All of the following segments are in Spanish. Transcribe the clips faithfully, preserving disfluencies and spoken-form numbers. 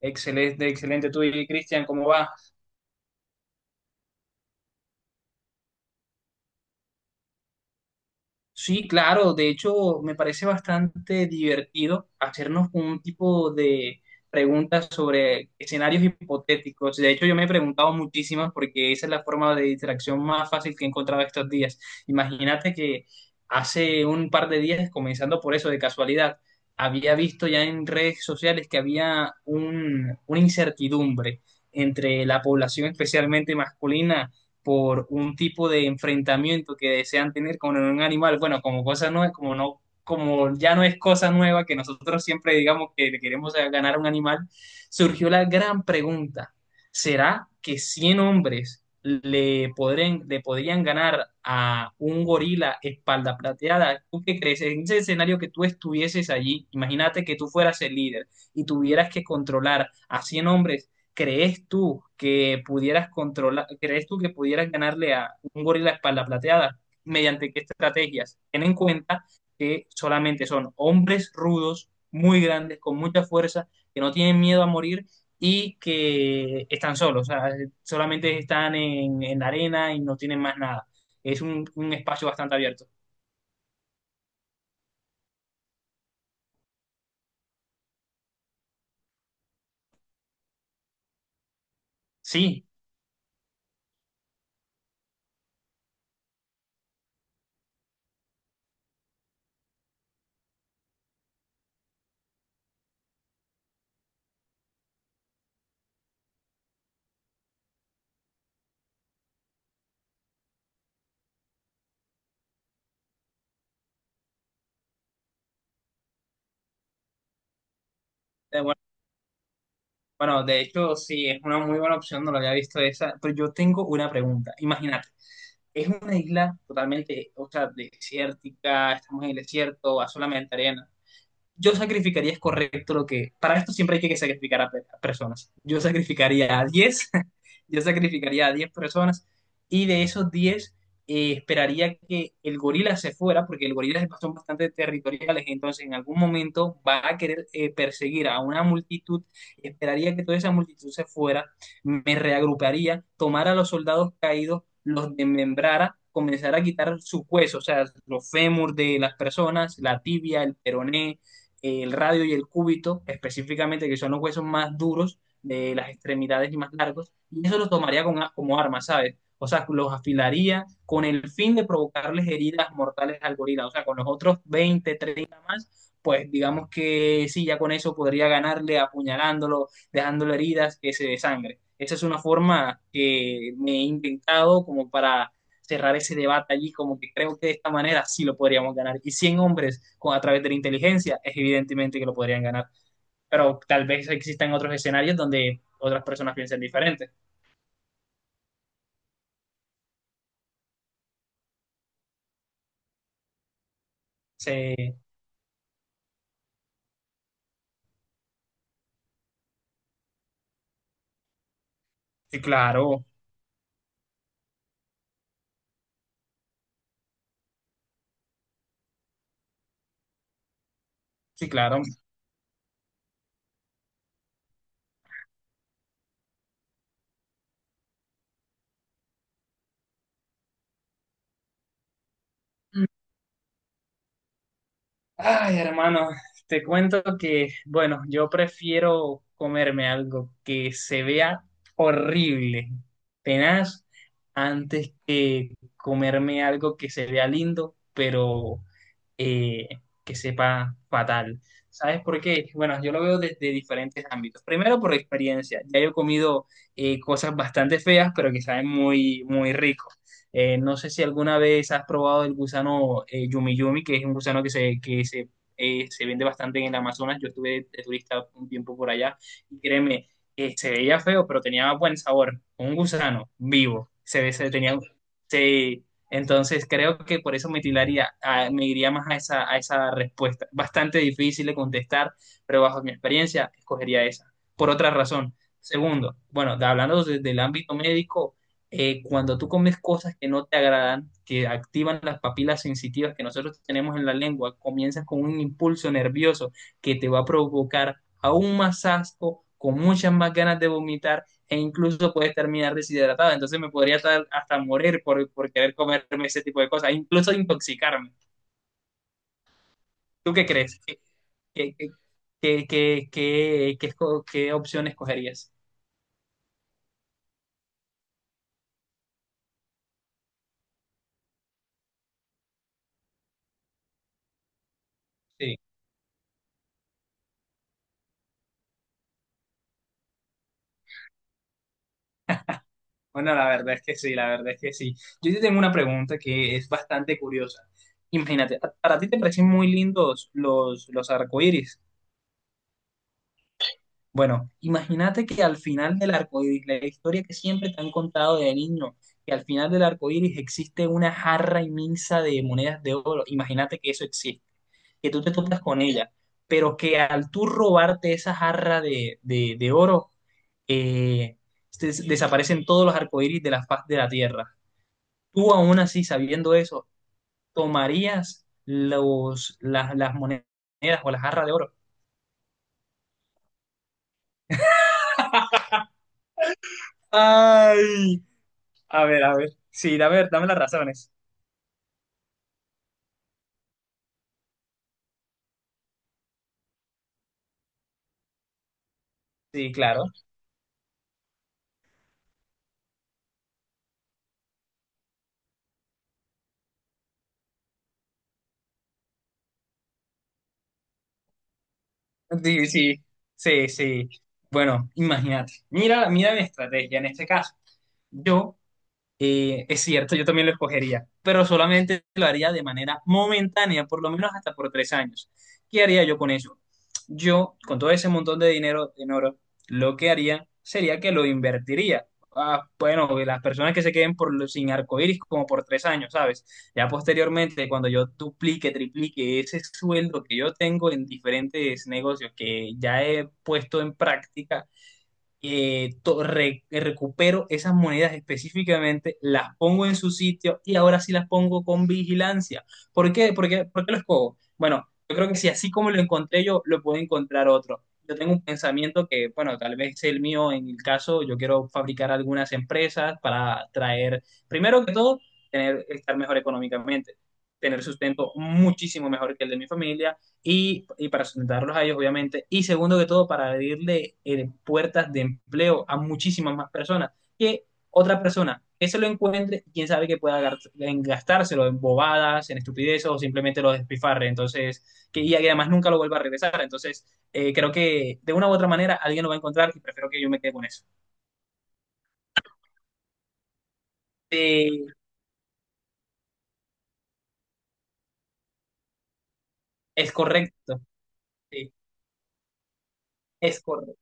Excelente, excelente. Tú y Cristian, ¿cómo va? Sí, claro, de hecho me parece bastante divertido hacernos un tipo de preguntas sobre escenarios hipotéticos. De hecho, yo me he preguntado muchísimas porque esa es la forma de distracción más fácil que he encontrado estos días. Imagínate que hace un par de días, comenzando por eso de casualidad, había visto ya en redes sociales que había un, una incertidumbre entre la población especialmente masculina por un tipo de enfrentamiento que desean tener con un animal, bueno, como cosa no es como no como ya no es cosa nueva que nosotros siempre digamos que le queremos eh, ganar a un animal, surgió la gran pregunta, ¿será que cien hombres le, podrían, le podrían ganar a un gorila espalda plateada? ¿Tú qué crees? En ese escenario que tú estuvieses allí, imagínate que tú fueras el líder y tuvieras que controlar a cien hombres. ¿Crees tú que pudieras controlar, crees tú que pudieras ganarle a un gorila espalda plateada? ¿Mediante qué estrategias? Ten en cuenta que solamente son hombres rudos, muy grandes, con mucha fuerza, que no tienen miedo a morir y que están solos, o sea, solamente están en, en la arena y no tienen más nada. Es un, un espacio bastante abierto. Sí. eh, Bueno, de hecho, sí, es una muy buena opción, no lo había visto esa, pero yo tengo una pregunta. Imagínate, es una isla totalmente, o sea, desértica, estamos en el desierto, va solamente arena. Yo sacrificaría, es correcto lo que, para esto siempre hay que sacrificar a, pe- a personas. Yo sacrificaría a diez yo sacrificaría a diez personas, y de esos diez eh, esperaría que el gorila se fuera, porque el gorila son bastante territoriales, entonces en algún momento va a querer eh, perseguir a una multitud, esperaría que toda esa multitud se fuera, me reagruparía, tomara a los soldados caídos, los desmembrara, comenzara a quitar sus huesos, o sea, los fémur de las personas, la tibia, el peroné, el radio y el cúbito, específicamente, que son los huesos más duros de las extremidades y más largos, y eso los tomaría con como arma, ¿sabes? O sea, los afilaría con el fin de provocarles heridas mortales al gorila. O sea, con los otros veinte treinta más, pues digamos que sí, ya con eso podría ganarle apuñalándolo, dejándole heridas que se desangre. Esa es una forma que me he inventado como para cerrar ese debate allí, como que creo que de esta manera sí lo podríamos ganar. Y cien hombres, con, a través de la inteligencia, es evidentemente que lo podrían ganar. Pero tal vez existan otros escenarios donde otras personas piensen diferente. Sí, sí, claro, sí, claro. Ay, hermano, te cuento que, bueno, yo prefiero comerme algo que se vea horrible, tenaz, antes que comerme algo que se vea lindo, pero eh, que sepa fatal. ¿Sabes por qué? Bueno, yo lo veo desde diferentes ámbitos. Primero, por experiencia. Ya yo he comido eh, cosas bastante feas, pero que saben muy, muy rico. Eh, no sé si alguna vez has probado el gusano eh, Yumi Yumi, que es un gusano que se, que se, eh, se vende bastante en el Amazonas. Yo estuve de turista un tiempo por allá y créeme, eh, se veía feo, pero tenía buen sabor. Un gusano vivo. Se, ve- se tenía, se, Entonces creo que por eso me tiraría, a- me iría más a esa, a esa respuesta. Bastante difícil de contestar, pero bajo mi experiencia escogería esa. Por otra razón. Segundo, bueno, de- hablando desde el ámbito médico, eh, cuando tú comes cosas que no te agradan, que activan las papilas sensitivas que nosotros tenemos en la lengua, comienzas con un impulso nervioso que te va a provocar aún más asco, con muchas más ganas de vomitar e incluso puedes terminar deshidratado. Entonces me podría hasta, hasta morir por, por, querer comerme ese tipo de cosas, incluso intoxicarme. ¿Tú qué crees? ¿Qué, qué, qué, qué qué qué qué opción escogerías? Sí. Bueno, la verdad es que sí, la verdad es que sí. Yo te tengo una pregunta que es bastante curiosa. Imagínate, ¿a- ¿para ti te parecen muy lindos los, los arcoíris? Bueno, imagínate que al final del arcoíris, la historia que siempre te han contado de niño, que al final del arcoíris existe una jarra inmensa de monedas de oro. Imagínate que eso existe, que tú te topas con ella, pero que al tú robarte esa jarra de, de- de oro, eh, des- desaparecen todos los arcoíris de la faz de la tierra. Tú aún así, sabiendo eso, ¿tomarías los, las, las monedas o las jarras de oro? Ay, a ver, a ver. Sí, a ver, dame las razones. Sí, claro. Sí, sí, sí, sí. Bueno, imagínate. Mira, mira mi estrategia en este caso. Yo Eh, es cierto, yo también lo escogería, pero solamente lo haría de manera momentánea, por lo menos hasta por tres años. ¿Qué haría yo con eso? Yo, con todo ese montón de dinero en oro, lo que haría sería que lo invertiría. Ah, bueno, las personas que se queden por, lo- sin arcoíris como por tres años, ¿sabes? Ya posteriormente, cuando yo duplique, triplique ese sueldo que yo tengo en diferentes negocios que ya he puesto en práctica, eh, to- re- eh, recupero esas monedas específicamente, las pongo en su sitio y ahora sí las pongo con vigilancia. ¿Por qué? ¿Por qué, por qué lo escojo? Bueno, yo creo que si así como lo encontré yo, lo puede encontrar otro. Yo tengo un pensamiento que, bueno, tal vez el mío en el caso, yo quiero fabricar algunas empresas para traer, primero que todo, tener, estar mejor económicamente, tener sustento muchísimo mejor que el de mi familia y, y para sustentarlos a ellos, obviamente. Y segundo que todo, para abrirle eh, puertas de empleo a muchísimas más personas. Que otra persona que se lo encuentre, quién sabe que pueda gastárselo en bobadas, en estupideces o simplemente lo despifarre. Entonces, que, y además nunca lo vuelva a regresar. Entonces, eh, creo que de una u otra manera alguien lo va a encontrar y prefiero que yo me quede con eso. Eh, es correcto. Sí, es correcto.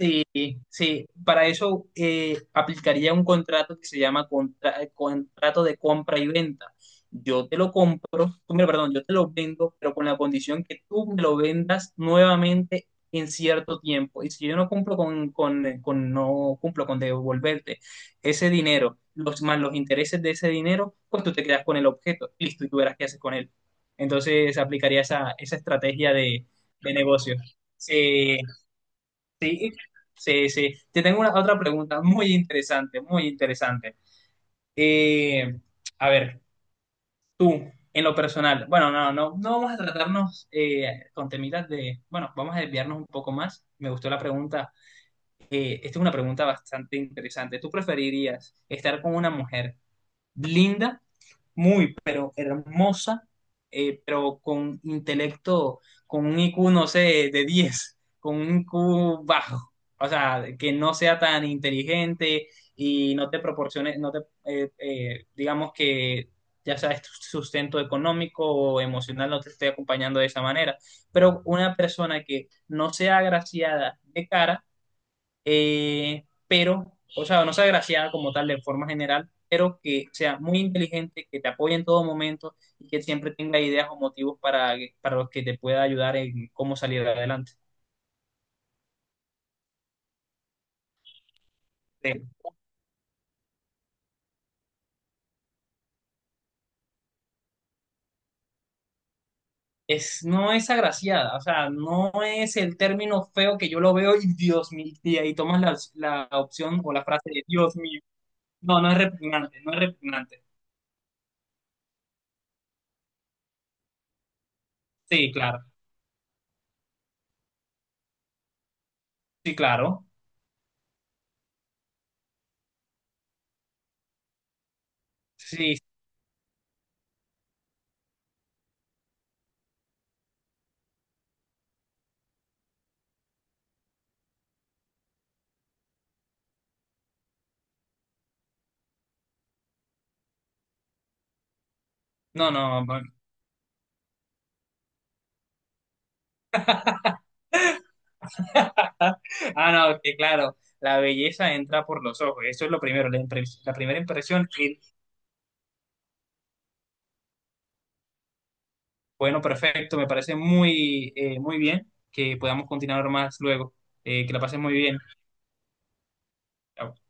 Sí, sí, para eso eh, aplicaría un contrato que se llama contra- eh, contrato de compra y venta. Yo te lo compro, tú me- perdón, yo te lo vendo, pero con la condición que tú me lo vendas nuevamente en cierto tiempo. Y si yo no cumplo con, con, eh, con- no cumplo con devolverte ese dinero, los, más los intereses de ese dinero, pues tú te quedas con el objeto, listo, y tú verás qué haces con él. Entonces aplicaría esa, esa estrategia de, de negocio. Sí, sí, sí, sí. Te tengo una, otra pregunta muy interesante, muy interesante. Eh, a ver, tú, en lo personal, bueno, no, no, no vamos a tratarnos eh, con temitas de, bueno, vamos a desviarnos un poco más. Me gustó la pregunta. Eh, esta es una pregunta bastante interesante. ¿Tú preferirías estar con una mujer linda muy, pero hermosa, eh, pero con intelecto, con un I Q, no sé, de diez con un I Q bajo? O sea, que no sea tan inteligente y no te proporcione, no te, eh, eh, digamos que ya sabes, tu sustento económico o emocional no te esté acompañando de esa manera. Pero una persona que no sea agraciada de cara, eh, pero, o sea, no sea agraciada como tal de forma general, pero que sea muy inteligente, que te apoye en todo momento y que siempre tenga ideas o motivos para, para los que te pueda ayudar en cómo salir adelante. Eh, Es, no es agraciada, o sea, no es el término feo que yo lo veo y Dios mío, y ahí tomas la, la opción o la frase de Dios mío. No, no es repugnante, no es repugnante. Sí, claro, sí, claro. Sí, no, no. Ah, no, que claro, la belleza entra por los ojos, eso es lo primero, la, impre- la primera impresión. Y bueno, perfecto, me parece muy, eh, muy bien que podamos continuar más luego. Eh, que la pases muy bien. Chao.